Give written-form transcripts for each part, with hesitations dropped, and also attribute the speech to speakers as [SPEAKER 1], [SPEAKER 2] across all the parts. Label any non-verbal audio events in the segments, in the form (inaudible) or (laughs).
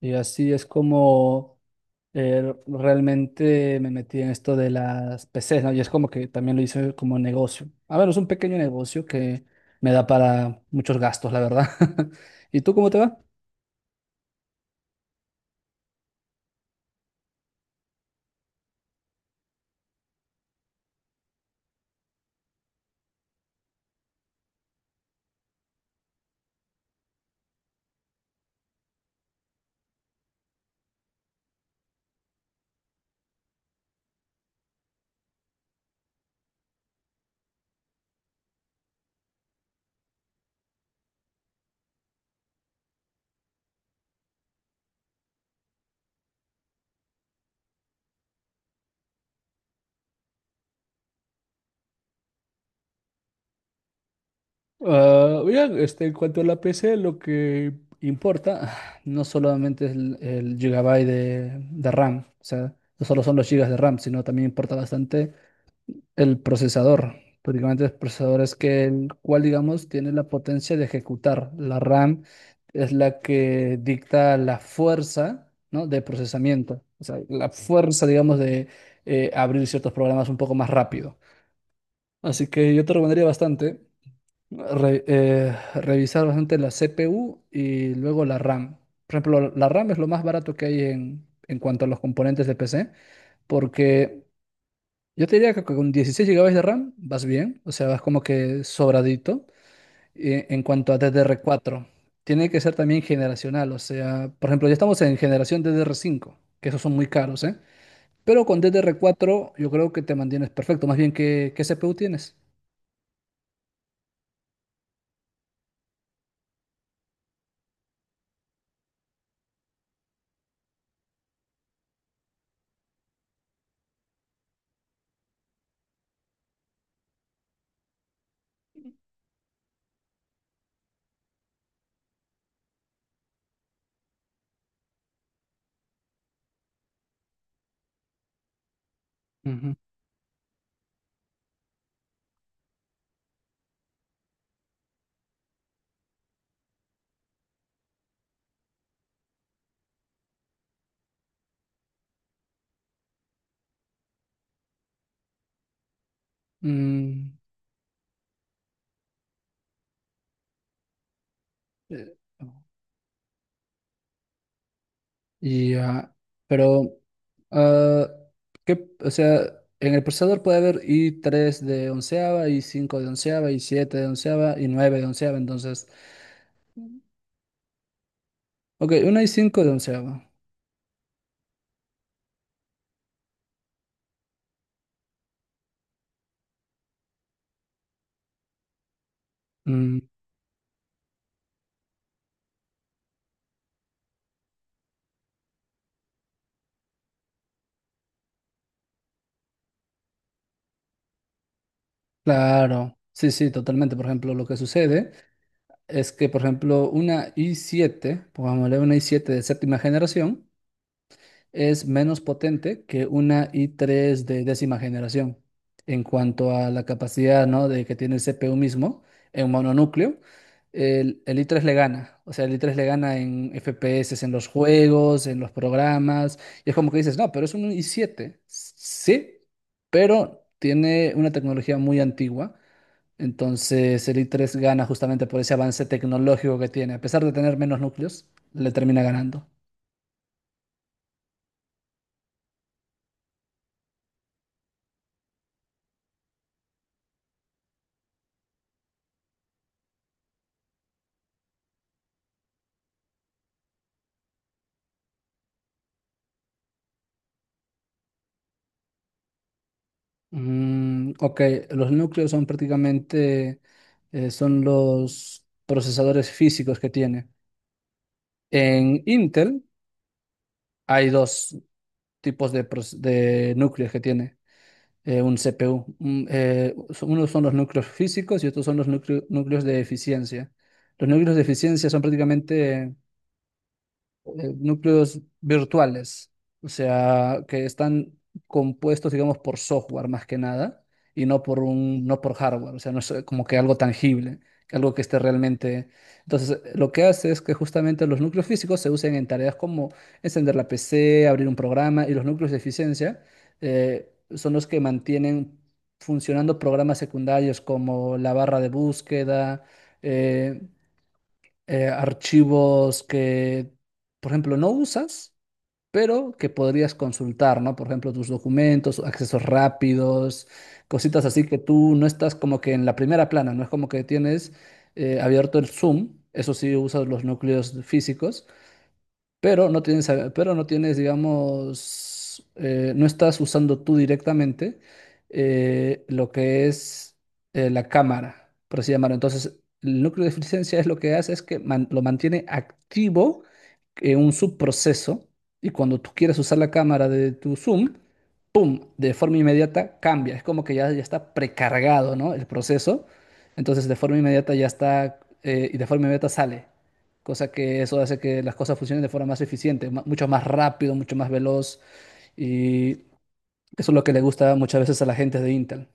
[SPEAKER 1] Y así es como realmente me metí en esto de las PCs, ¿no? Y es como que también lo hice como negocio. A ver, es un pequeño negocio que me da para muchos gastos, la verdad. (laughs) ¿Y tú cómo te va? Ah, bien, en cuanto a la PC, lo que importa (sighs) no solamente es el gigabyte de RAM, o sea, no solo son los gigas de RAM, sino también importa bastante el procesador. Prácticamente el procesador es que el cual, digamos, tiene la potencia de ejecutar. La RAM es la que dicta la fuerza, ¿no? De procesamiento, o sea, la fuerza, digamos, de abrir ciertos programas un poco más rápido. Así que yo te recomendaría bastante revisar bastante la CPU y luego la RAM. Por ejemplo, la RAM es lo más barato que hay en cuanto a los componentes de PC, porque yo te diría que con 16 gigabytes de RAM vas bien, o sea, vas como que sobradito. En cuanto a ddr cuatro, tiene que ser también generacional. O sea, por ejemplo, ya estamos en generación ddr cinco, que esos son muy caros, ¿eh? Pero con ddr cuatro yo creo que te mantienes perfecto. Más bien, qué CPU tienes? Ujú. Mm, eh, y, ah, pero, ah, ¿qué- o sea, en el procesador puede haber i tres de onceava, i cinco de onceava, i siete de onceava y 9 de onceava, entonces... Ok, una y cinco de onceavo. Mm, claro, sí, totalmente. Por ejemplo, lo que sucede es que, por ejemplo, una y siete, pongámosle una y siete de séptima generación, es menos potente que una i3 de décima generación en cuanto a la capacidad, ¿no? De que tiene el CPU mismo en mononúcleo. El i3 le gana, o sea, el i3 le gana en FPS, en los juegos, en los programas, y es como que dices, no, pero es un i7. Sí, pero tiene una tecnología muy antigua, entonces el i3 gana justamente por ese avance tecnológico que tiene. A pesar de tener menos núcleos, le termina ganando. Mm, ok, los núcleos son prácticamente son los procesadores físicos que tiene. En Intel hay dos tipos de, de núcleos que tiene un CPU. Unos son los núcleos físicos y otros son los núcleos de eficiencia. Los núcleos de eficiencia son prácticamente núcleos virtuales, o sea, que están compuestos, digamos, por software más que nada, y no por un, no por hardware. O sea, no es como que algo tangible, algo que esté realmente. Entonces, lo que hace es que justamente los núcleos físicos se usen en tareas como encender la PC, abrir un programa, y los núcleos de eficiencia son los que mantienen funcionando programas secundarios como la barra de búsqueda, eh, archivos que, por ejemplo, no usas, pero que podrías consultar, ¿no? Por ejemplo, tus documentos, accesos rápidos, cositas así que tú no estás como que en la primera plana. No es como que tienes abierto el Zoom, eso sí usas los núcleos físicos, pero pero no tienes, digamos, no estás usando tú directamente lo que es la cámara, por así llamarlo. Entonces, el núcleo de eficiencia es lo que hace es que lo mantiene activo en un subproceso, y cuando tú quieres usar la cámara de tu Zoom, ¡pum!, de forma inmediata cambia. Es como que ya, ya está precargado, ¿no? El proceso. Entonces, de forma inmediata ya está, y de forma inmediata sale, cosa que eso hace que las cosas funcionen de forma más eficiente, mucho más rápido, mucho más veloz, y eso es lo que le gusta muchas veces a la gente de Intel.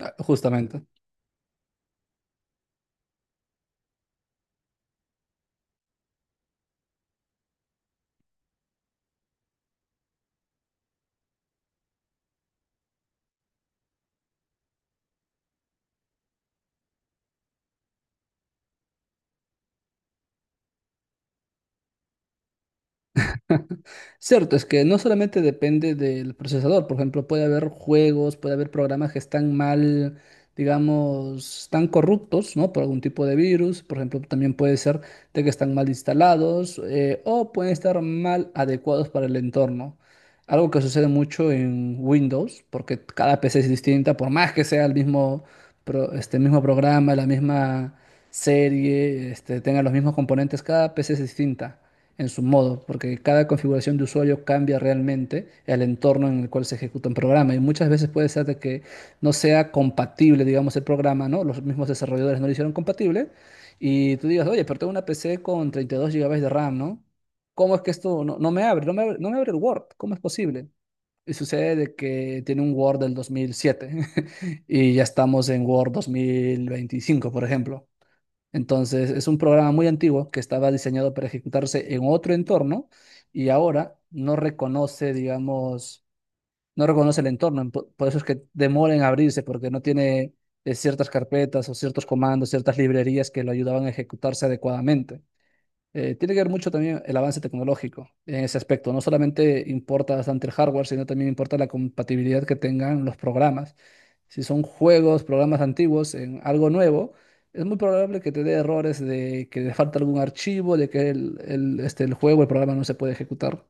[SPEAKER 1] Ah, justamente. Cierto, es que no solamente depende del procesador. Por ejemplo, puede haber juegos, puede haber programas que están mal, digamos, están corruptos, ¿no? Por algún tipo de virus. Por ejemplo, también puede ser de que están mal instalados, o pueden estar mal adecuados para el entorno. Algo que sucede mucho en Windows, porque cada PC es distinta, por más que sea el mismo, este mismo programa, la misma serie, este, tenga los mismos componentes, cada PC es distinta en su modo, porque cada configuración de usuario cambia realmente el entorno en el cual se ejecuta un programa, y muchas veces puede ser de que no sea compatible, digamos, el programa, ¿no? Los mismos desarrolladores no lo hicieron compatible y tú digas, oye, pero tengo una PC con 32 gigabytes de RAM, ¿no? ¿Cómo es que esto no me abre? No me abre, no me abre el Word, ¿cómo es posible? Y sucede de que tiene un Word del 2007 (laughs) y ya estamos en Word 2025, por ejemplo. Entonces, es un programa muy antiguo que estaba diseñado para ejecutarse en otro entorno y ahora no reconoce, digamos, no reconoce el entorno. Por eso es que demora en abrirse, porque no tiene ciertas carpetas o ciertos comandos, ciertas librerías que lo ayudaban a ejecutarse adecuadamente. Tiene que ver mucho también el avance tecnológico en ese aspecto. No solamente importa bastante el hardware, sino también importa la compatibilidad que tengan los programas. Si son juegos, programas antiguos en algo nuevo, es muy probable que te dé errores de que le falta algún archivo, de que el juego, el programa no se puede ejecutar.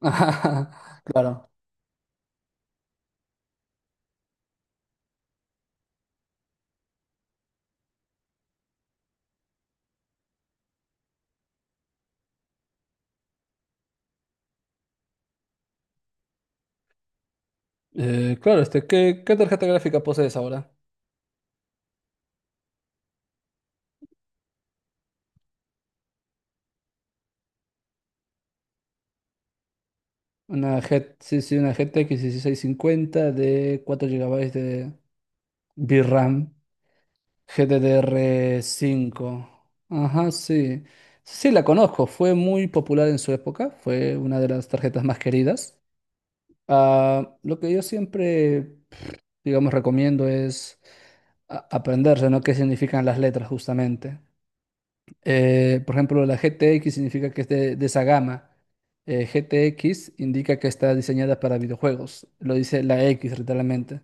[SPEAKER 1] (laughs) Ajá, claro. Claro, este, qué tarjeta gráfica posees ahora? Una G, sí, una GTX 1650 de 4 gigabytes de VRAM. GDDR5. Ajá, sí. Sí, la conozco. Fue muy popular en su época. Fue una de las tarjetas más queridas. Ah, lo que yo siempre, digamos, recomiendo es aprenderse, ¿no? ¿Qué significan las letras justamente? Por ejemplo, la GTX significa que es de esa gama. GTX indica que está diseñada para videojuegos. Lo dice la X literalmente.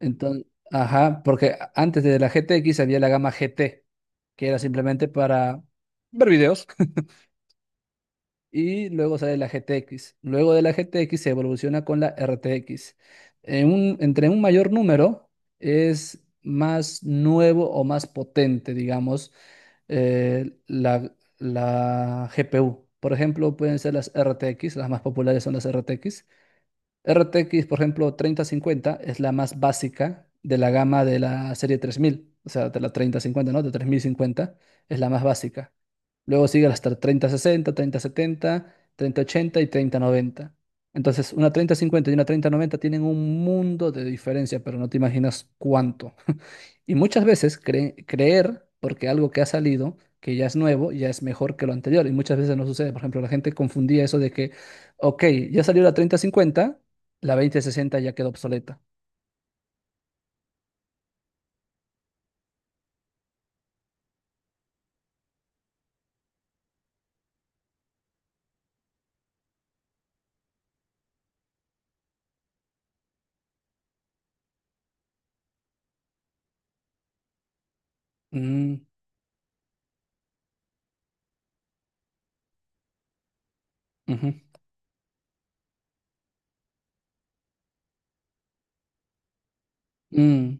[SPEAKER 1] Entonces, ajá, porque antes de la GTX había la gama GT que era simplemente para ver videos. (laughs) Y luego sale la GTX. Luego de la GTX se evoluciona con la RTX. Entre un mayor número es más nuevo o más potente, digamos, la GPU. Por ejemplo, pueden ser las RTX, las más populares son las RTX. RTX, por ejemplo, treinta cincuenta es la más básica de la gama de la serie tres mil, o sea, de la treinta cincuenta, ¿no? De 3050 es la más básica. Luego sigue hasta treinta sesenta, treinta setenta, treinta ochenta y treinta noventa. Entonces, una treinta cincuenta y una treinta noventa tienen un mundo de diferencia, pero no te imaginas cuánto. Y muchas veces creer porque algo que ha salido, que ya es nuevo, ya es mejor que lo anterior. Y muchas veces no sucede. Por ejemplo, la gente confundía eso de que, ok, ya salió la treinta cincuenta, la veinte sesenta ya quedó obsoleta. Mm, ujú, mm.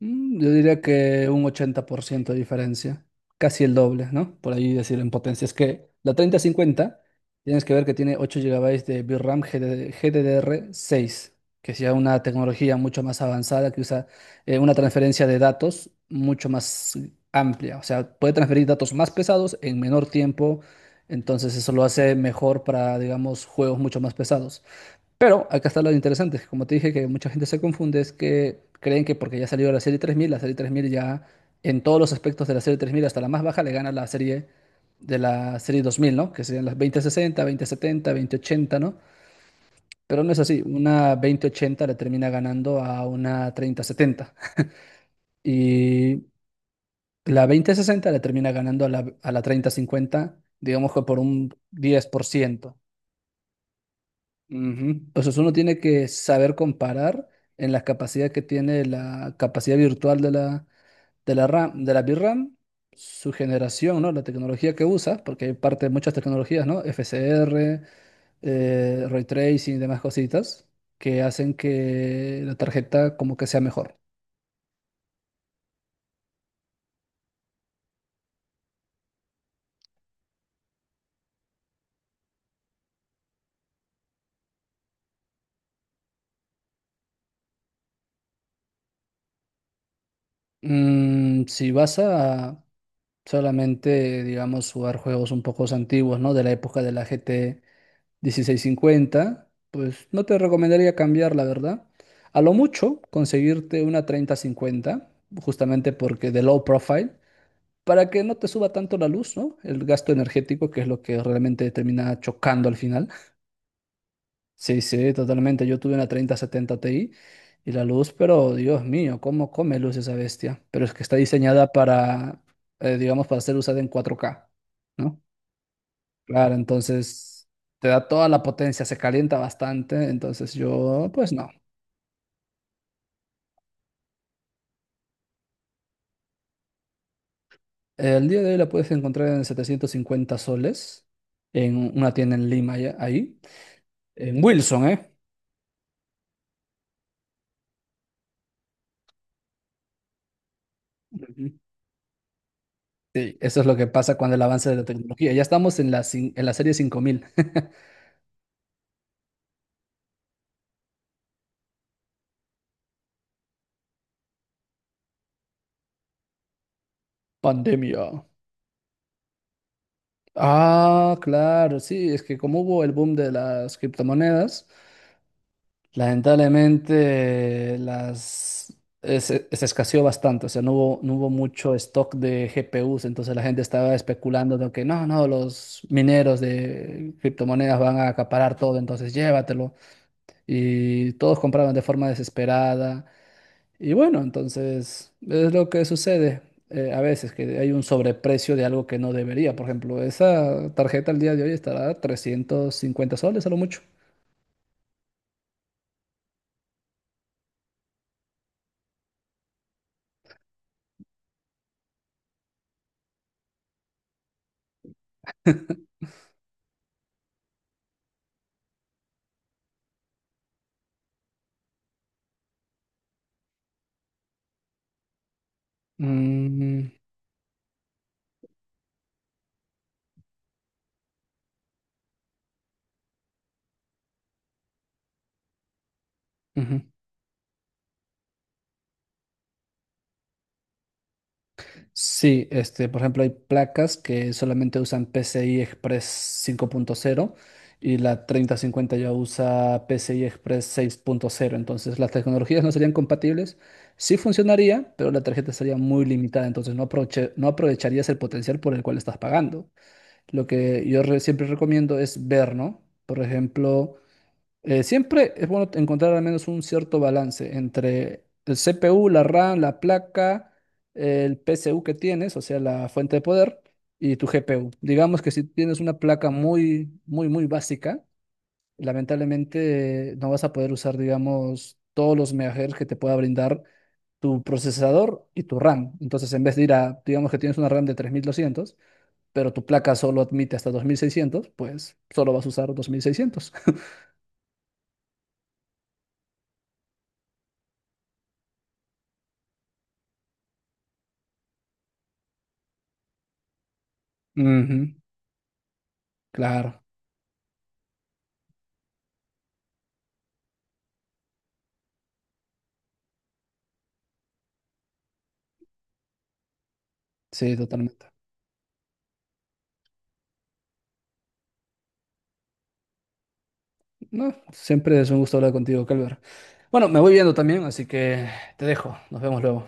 [SPEAKER 1] Yo diría que un 80% de diferencia, casi el doble, ¿no? Por ahí decir en potencia. Es que la treinta cincuenta tienes que ver que tiene 8 gigabytes de VRAM GD GDDR6, que es ya una tecnología mucho más avanzada, que usa una transferencia de datos mucho más amplia. O sea, puede transferir datos más pesados en menor tiempo, entonces eso lo hace mejor para, digamos, juegos mucho más pesados. Pero acá está lo interesante, que como te dije que mucha gente se confunde, es que creen que porque ya salió la serie 3000, la serie 3000 ya en todos los aspectos de la serie 3000 hasta la más baja, le gana la serie 2000, ¿no? Que serían las veinte sesenta, veinte setenta, veinte ochenta, ¿no? Pero no es así, una veinte ochenta le termina ganando a una treinta setenta, y la veinte sesenta le termina ganando a la treinta cincuenta, digamos que por un 10%. Ujú. Pues eso uno tiene que saber comparar en la capacidad que tiene, la capacidad virtual de la RAM, de la VRAM, su generación, ¿no? La tecnología que usa, porque hay parte de muchas tecnologías, ¿no? FSR, ray tracing y demás cositas que hacen que la tarjeta como que sea mejor. Mm, si vas a solamente, digamos, jugar juegos un poco antiguos, ¿no? De la época de la GT, dieciséis cincuenta, pues no te recomendaría cambiar, la verdad. A lo mucho, conseguirte una treinta cincuenta justamente porque de low profile, para que no te suba tanto la luz, ¿no? El gasto energético, que es lo que realmente termina chocando al final. Sí, totalmente. Yo tuve una treinta setenta Ti y la luz, pero Dios mío, ¿cómo come luz esa bestia? Pero es que está diseñada para, digamos, para ser usada en cuatro k, ¿no? Claro, entonces te da toda la potencia, se calienta bastante, entonces yo, pues no. El día de hoy la puedes encontrar en 750 soles, en una tienda en Lima, ahí, en Wilson, ¿eh? Ujú. Sí, eso es lo que pasa cuando el avance de la tecnología. Ya estamos en la, en la serie cinco mil. (laughs) Pandemia. Ah, claro, sí, es que como hubo el boom de las criptomonedas, lamentablemente las se escaseó bastante. O sea, no hubo mucho stock de GPUs, entonces la gente estaba especulando de que no, los mineros de criptomonedas van a acaparar todo, entonces llévatelo. Y todos compraban de forma desesperada. Y bueno, entonces es lo que sucede a veces, que hay un sobreprecio de algo que no debería. Por ejemplo, esa tarjeta al día de hoy estará a 350 soles a lo mucho. Mm, ujú. Sí, este, por ejemplo, hay placas que solamente usan PCI Express 5.0, y la 3050 ya usa PCI Express 6.0, entonces las tecnologías no serían compatibles. Sí funcionaría, pero la tarjeta sería muy limitada, entonces no aprovecharías el potencial por el cual estás pagando. Lo que yo siempre recomiendo es ver, ¿no? Por ejemplo, siempre es bueno encontrar al menos un cierto balance entre el CPU, la RAM, la placa, el PSU que tienes, o sea, la fuente de poder, y tu GPU. Digamos que si tienes una placa muy, muy, muy básica, lamentablemente no vas a poder usar, digamos, todos los megahertz que te pueda brindar tu procesador y tu RAM. Entonces, en vez de ir a, digamos que tienes una RAM de tres mil doscientos, pero tu placa solo admite hasta dos mil seiscientos, pues solo vas a usar 2600. (laughs) Ujú, claro. Sí, totalmente. No, siempre es un gusto hablar contigo, Calver. Bueno, me voy viendo también, así que te dejo. Nos vemos luego.